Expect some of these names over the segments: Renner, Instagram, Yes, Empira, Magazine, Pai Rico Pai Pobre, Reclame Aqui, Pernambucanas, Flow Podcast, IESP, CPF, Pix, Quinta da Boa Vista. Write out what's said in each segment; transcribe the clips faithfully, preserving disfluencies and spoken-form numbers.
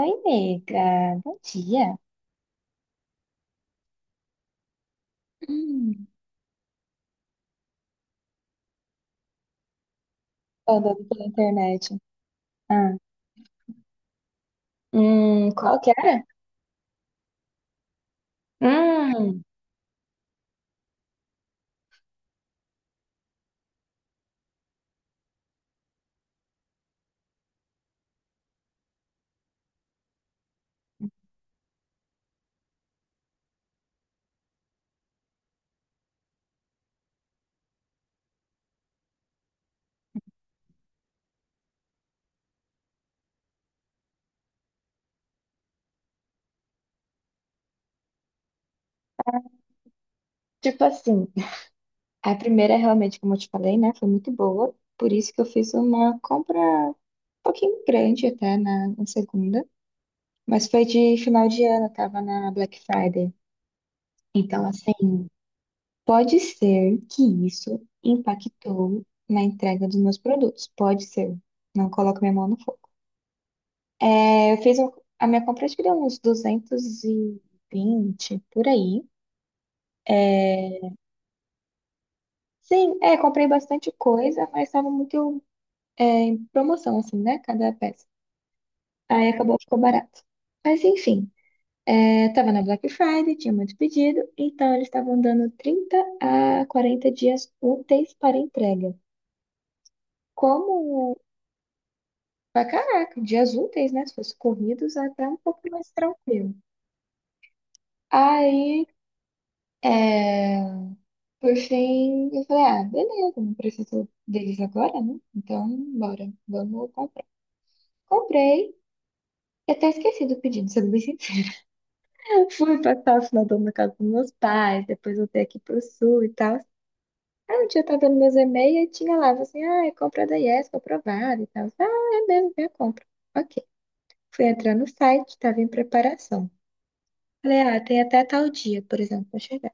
Oi, nega. Bom dia. Hum. Andando pela internet. Ah. Hum, qual que era? Hum, tipo assim, a primeira é realmente, como eu te falei, né, foi muito boa. Por isso que eu fiz uma compra um pouquinho grande até na, na segunda. Mas foi de final de ano, tava na Black Friday. Então, assim, pode ser que isso impactou na entrega dos meus produtos. Pode ser. Não coloco minha mão no fogo. É, eu fiz um- a minha compra, acho que deu uns duzentos e vinte por aí. Sim, é, comprei bastante coisa, mas estava muito é, em promoção, assim, né? Cada peça. Aí acabou, ficou barato. Mas enfim, é, tava na Black Friday, tinha muito pedido, então eles estavam dando trinta a quarenta dias úteis para entrega. Como, pra caraca, dias úteis, né? Se fosse corridos, é até um pouco mais tranquilo. Aí, é, por fim, eu falei, ah, beleza, não preciso deles agora, né? Então, bora, vamos comprar. Comprei, eu até esqueci do pedido, sendo bem sincera. Fui passar o final do ano na casa dos meus pais, depois voltei aqui pro sul e tal. Aí um dia eu tava dando meus e-mails e tinha lá, assim, ah, é compra da Yes, aprovada e tal. Ah, é mesmo, vem a compra. Ok. Fui entrar no site, tava em preparação. Falei, ah, tem até tal dia, por exemplo, pra chegar.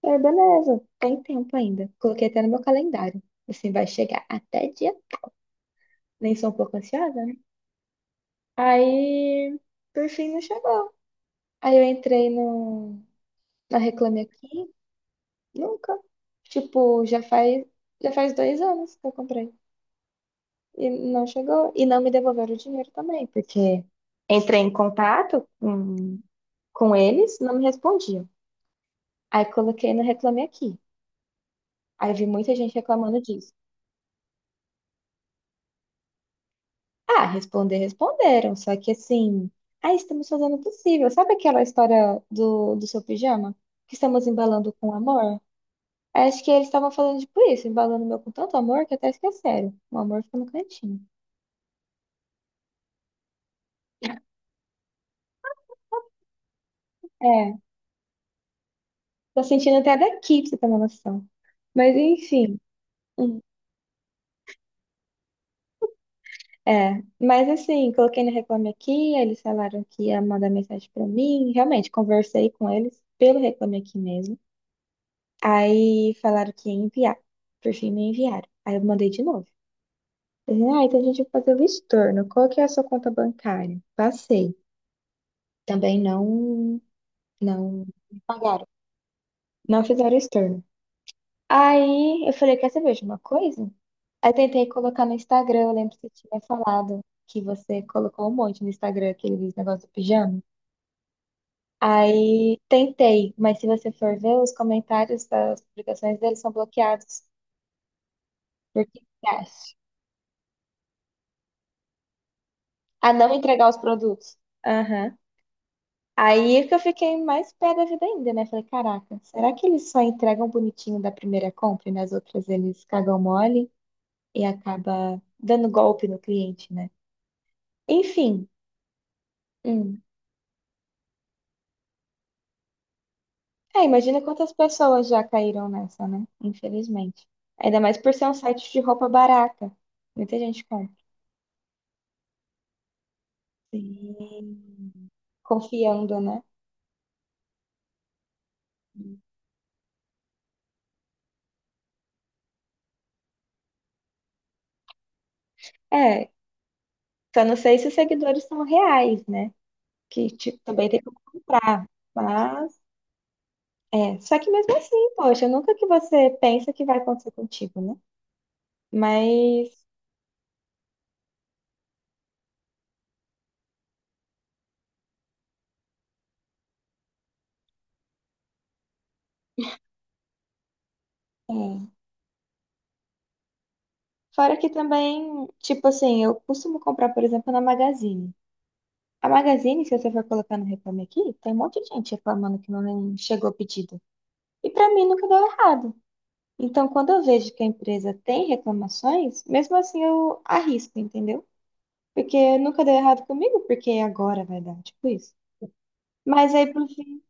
Falei, beleza, tem tempo ainda. Coloquei até no meu calendário. Assim, vai chegar até dia nem sou um pouco ansiosa, né? Aí, por fim, não chegou. Aí eu entrei no, na Reclame Aqui, nunca. Tipo, já faz, já faz dois anos que eu comprei. E não chegou. E não me devolveram o dinheiro também, porque entrei em contato com, com eles, não me respondiam. Aí coloquei no Reclame Aqui. Aí vi muita gente reclamando disso. Ah, responder, responderam. Só que assim, ah, estamos fazendo o possível. Sabe aquela história do, do seu pijama? Que estamos embalando com amor? Acho que eles estavam falando tipo isso, embalando o meu com tanto amor que até esqueceram. O amor ficou no cantinho. É, tô sentindo até daqui, pra você ter uma noção. Mas enfim. hum, É, mas assim, coloquei no Reclame Aqui, eles falaram que ia mandar mensagem pra mim. Realmente, conversei com eles pelo Reclame Aqui mesmo. Aí falaram que ia enviar. Por fim, não enviaram. Aí eu mandei de novo. Eu falei, ah, então a gente vai fazer o estorno. Qual que é a sua conta bancária? Passei. Também não, não pagaram. Não fizeram estorno. Aí eu falei, quer saber de uma coisa? Aí tentei colocar no Instagram. Eu lembro que você tinha falado que você colocou um monte no Instagram, aquele negócio do pijama. Aí tentei, mas se você for ver, os comentários das publicações deles são bloqueados. Por que a não entregar os produtos. Aham. Aí é que eu fiquei mais pé da vida ainda, né? Falei, caraca, será que eles só entregam bonitinho da primeira compra e nas outras eles cagam mole e acaba dando golpe no cliente, né? Enfim, hum. É, imagina quantas pessoas já caíram nessa, né? Infelizmente. Ainda mais por ser um site de roupa barata. Muita gente compra, sim, confiando, né? É, só não sei se os seguidores são reais, né? Que tipo, também tem que comprar. Mas, é. Só que mesmo assim, poxa, nunca que você pensa que vai acontecer contigo, né? Mas, Fora que também, tipo assim, eu costumo comprar, por exemplo, na Magazine. A Magazine, se você for colocar no Reclame Aqui, tem um monte de gente reclamando que não chegou o pedido. E pra mim nunca deu errado. Então, quando eu vejo que a empresa tem reclamações, mesmo assim eu arrisco, entendeu? Porque nunca deu errado comigo, porque agora vai dar, tipo isso. Mas aí, por fim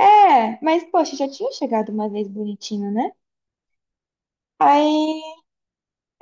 É, mas poxa, já tinha chegado uma vez bonitinho, né? Aí,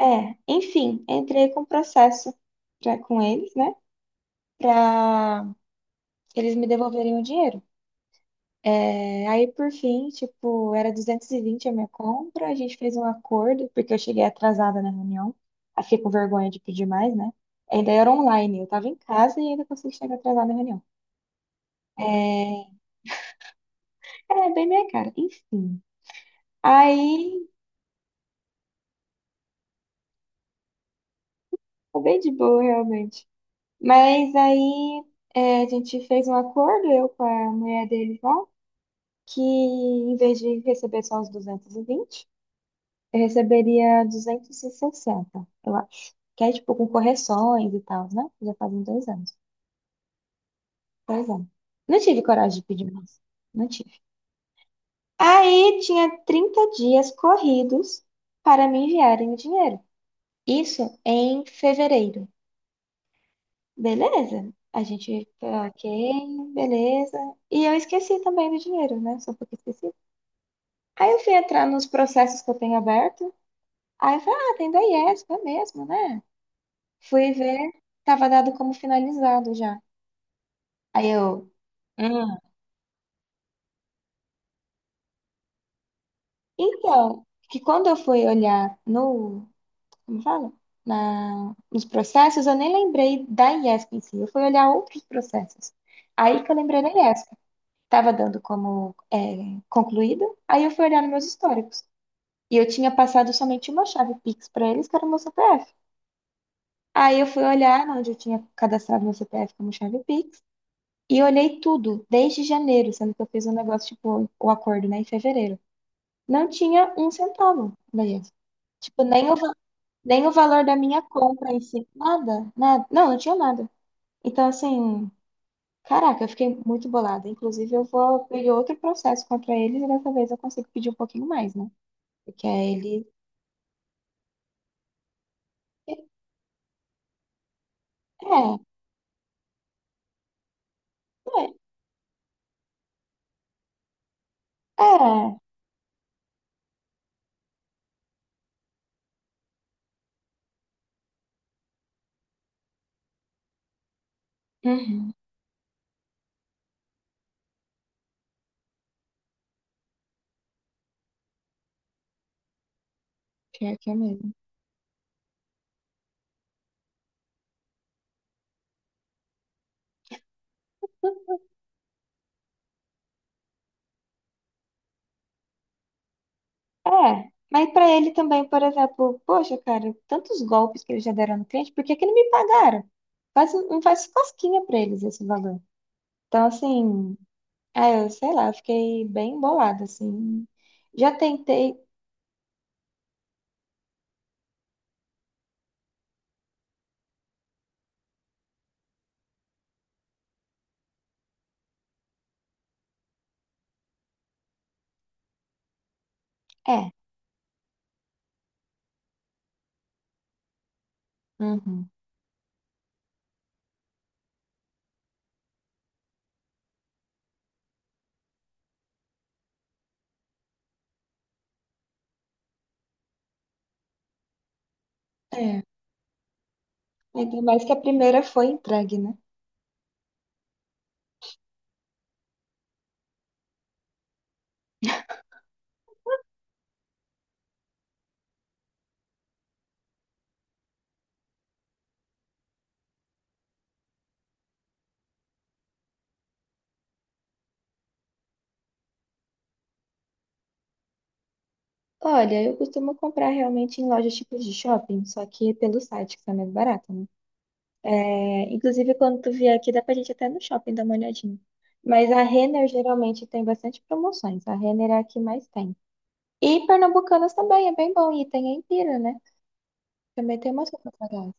é, enfim, entrei com processo pra, com eles, né? Pra eles me devolverem o dinheiro. É, aí, por fim, tipo, era duzentos e vinte a minha compra, a gente fez um acordo, porque eu cheguei atrasada na reunião. Aí fiquei com vergonha de pedir mais, né? Ainda era online, eu tava em casa e ainda consegui chegar atrasada na reunião. É, bem minha cara, enfim. Aí, foi bem de boa, realmente. Mas aí é, a gente fez um acordo, eu com a mulher dele lá, que em vez de receber só os duzentos e vinte, eu receberia duzentos e sessenta, eu acho. Que é tipo com correções e tal, né? Já fazem dois anos. Dois anos. Não tive coragem de pedir mais. Não tive. Aí tinha trinta dias corridos para me enviarem o dinheiro. Isso em fevereiro. Beleza. A gente, tá, ok, beleza. E eu esqueci também do dinheiro, né? Só porque esqueci. Aí eu fui entrar nos processos que eu tenho aberto. Aí eu falei, ah, tem da I E S P, é mesmo, né? Fui ver, tava dado como finalizado já. Aí eu, hum. Então, que quando eu fui olhar no, como fala? Na, nos processos, eu nem lembrei da I E S P em si. Eu fui olhar outros processos. Aí que eu lembrei da I E S P. Tava dando como é, concluída. Aí eu fui olhar nos meus históricos. E eu tinha passado somente uma chave Pix para eles, que era o meu C P F. Aí eu fui olhar onde eu tinha cadastrado meu C P F como chave Pix. E olhei tudo, desde janeiro, sendo que eu fiz um negócio, tipo, o acordo, né, em fevereiro. Não tinha um centavo, beleza. Tipo, nem o, va- nem o valor da minha compra em si, nada, nada. Não, não tinha nada. Então, assim, caraca, eu fiquei muito bolada. Inclusive, eu vou pedir outro processo contra eles e dessa vez eu consigo pedir um pouquinho mais, né? Porque aí eles. É, é, é. Uhum. Pior que é mesmo. É. Mas pra ele também, por exemplo, poxa, cara, tantos golpes que eles já deram no cliente, por que que não me pagaram? Faz, não faz cosquinha pra eles esse valor. Então, assim, é, eu sei lá, eu fiquei bem bolada, assim. Já tentei. É. Uhum. É. Ainda mais que a primeira foi entregue, né? Olha, eu costumo comprar realmente em lojas tipo de shopping, só que pelo site, que tá mais barato, né? É, inclusive, quando tu vier aqui, dá pra gente até no shopping dar uma olhadinha. Mas a Renner geralmente tem bastante promoções. A Renner é a que mais tem. E Pernambucanas também, é bem bom. E tem a Empira, né? Também tem umas roupas legais.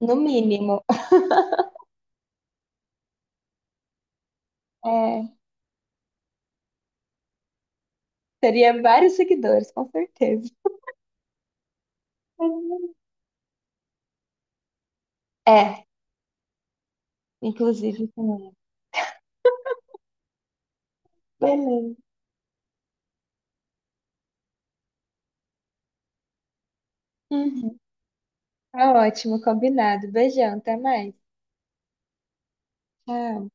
No mínimo. É, teria vários seguidores, com certeza. É, inclusive também. Beleza. Uhum. Tá ótimo, combinado. Beijão, até mais. Tchau.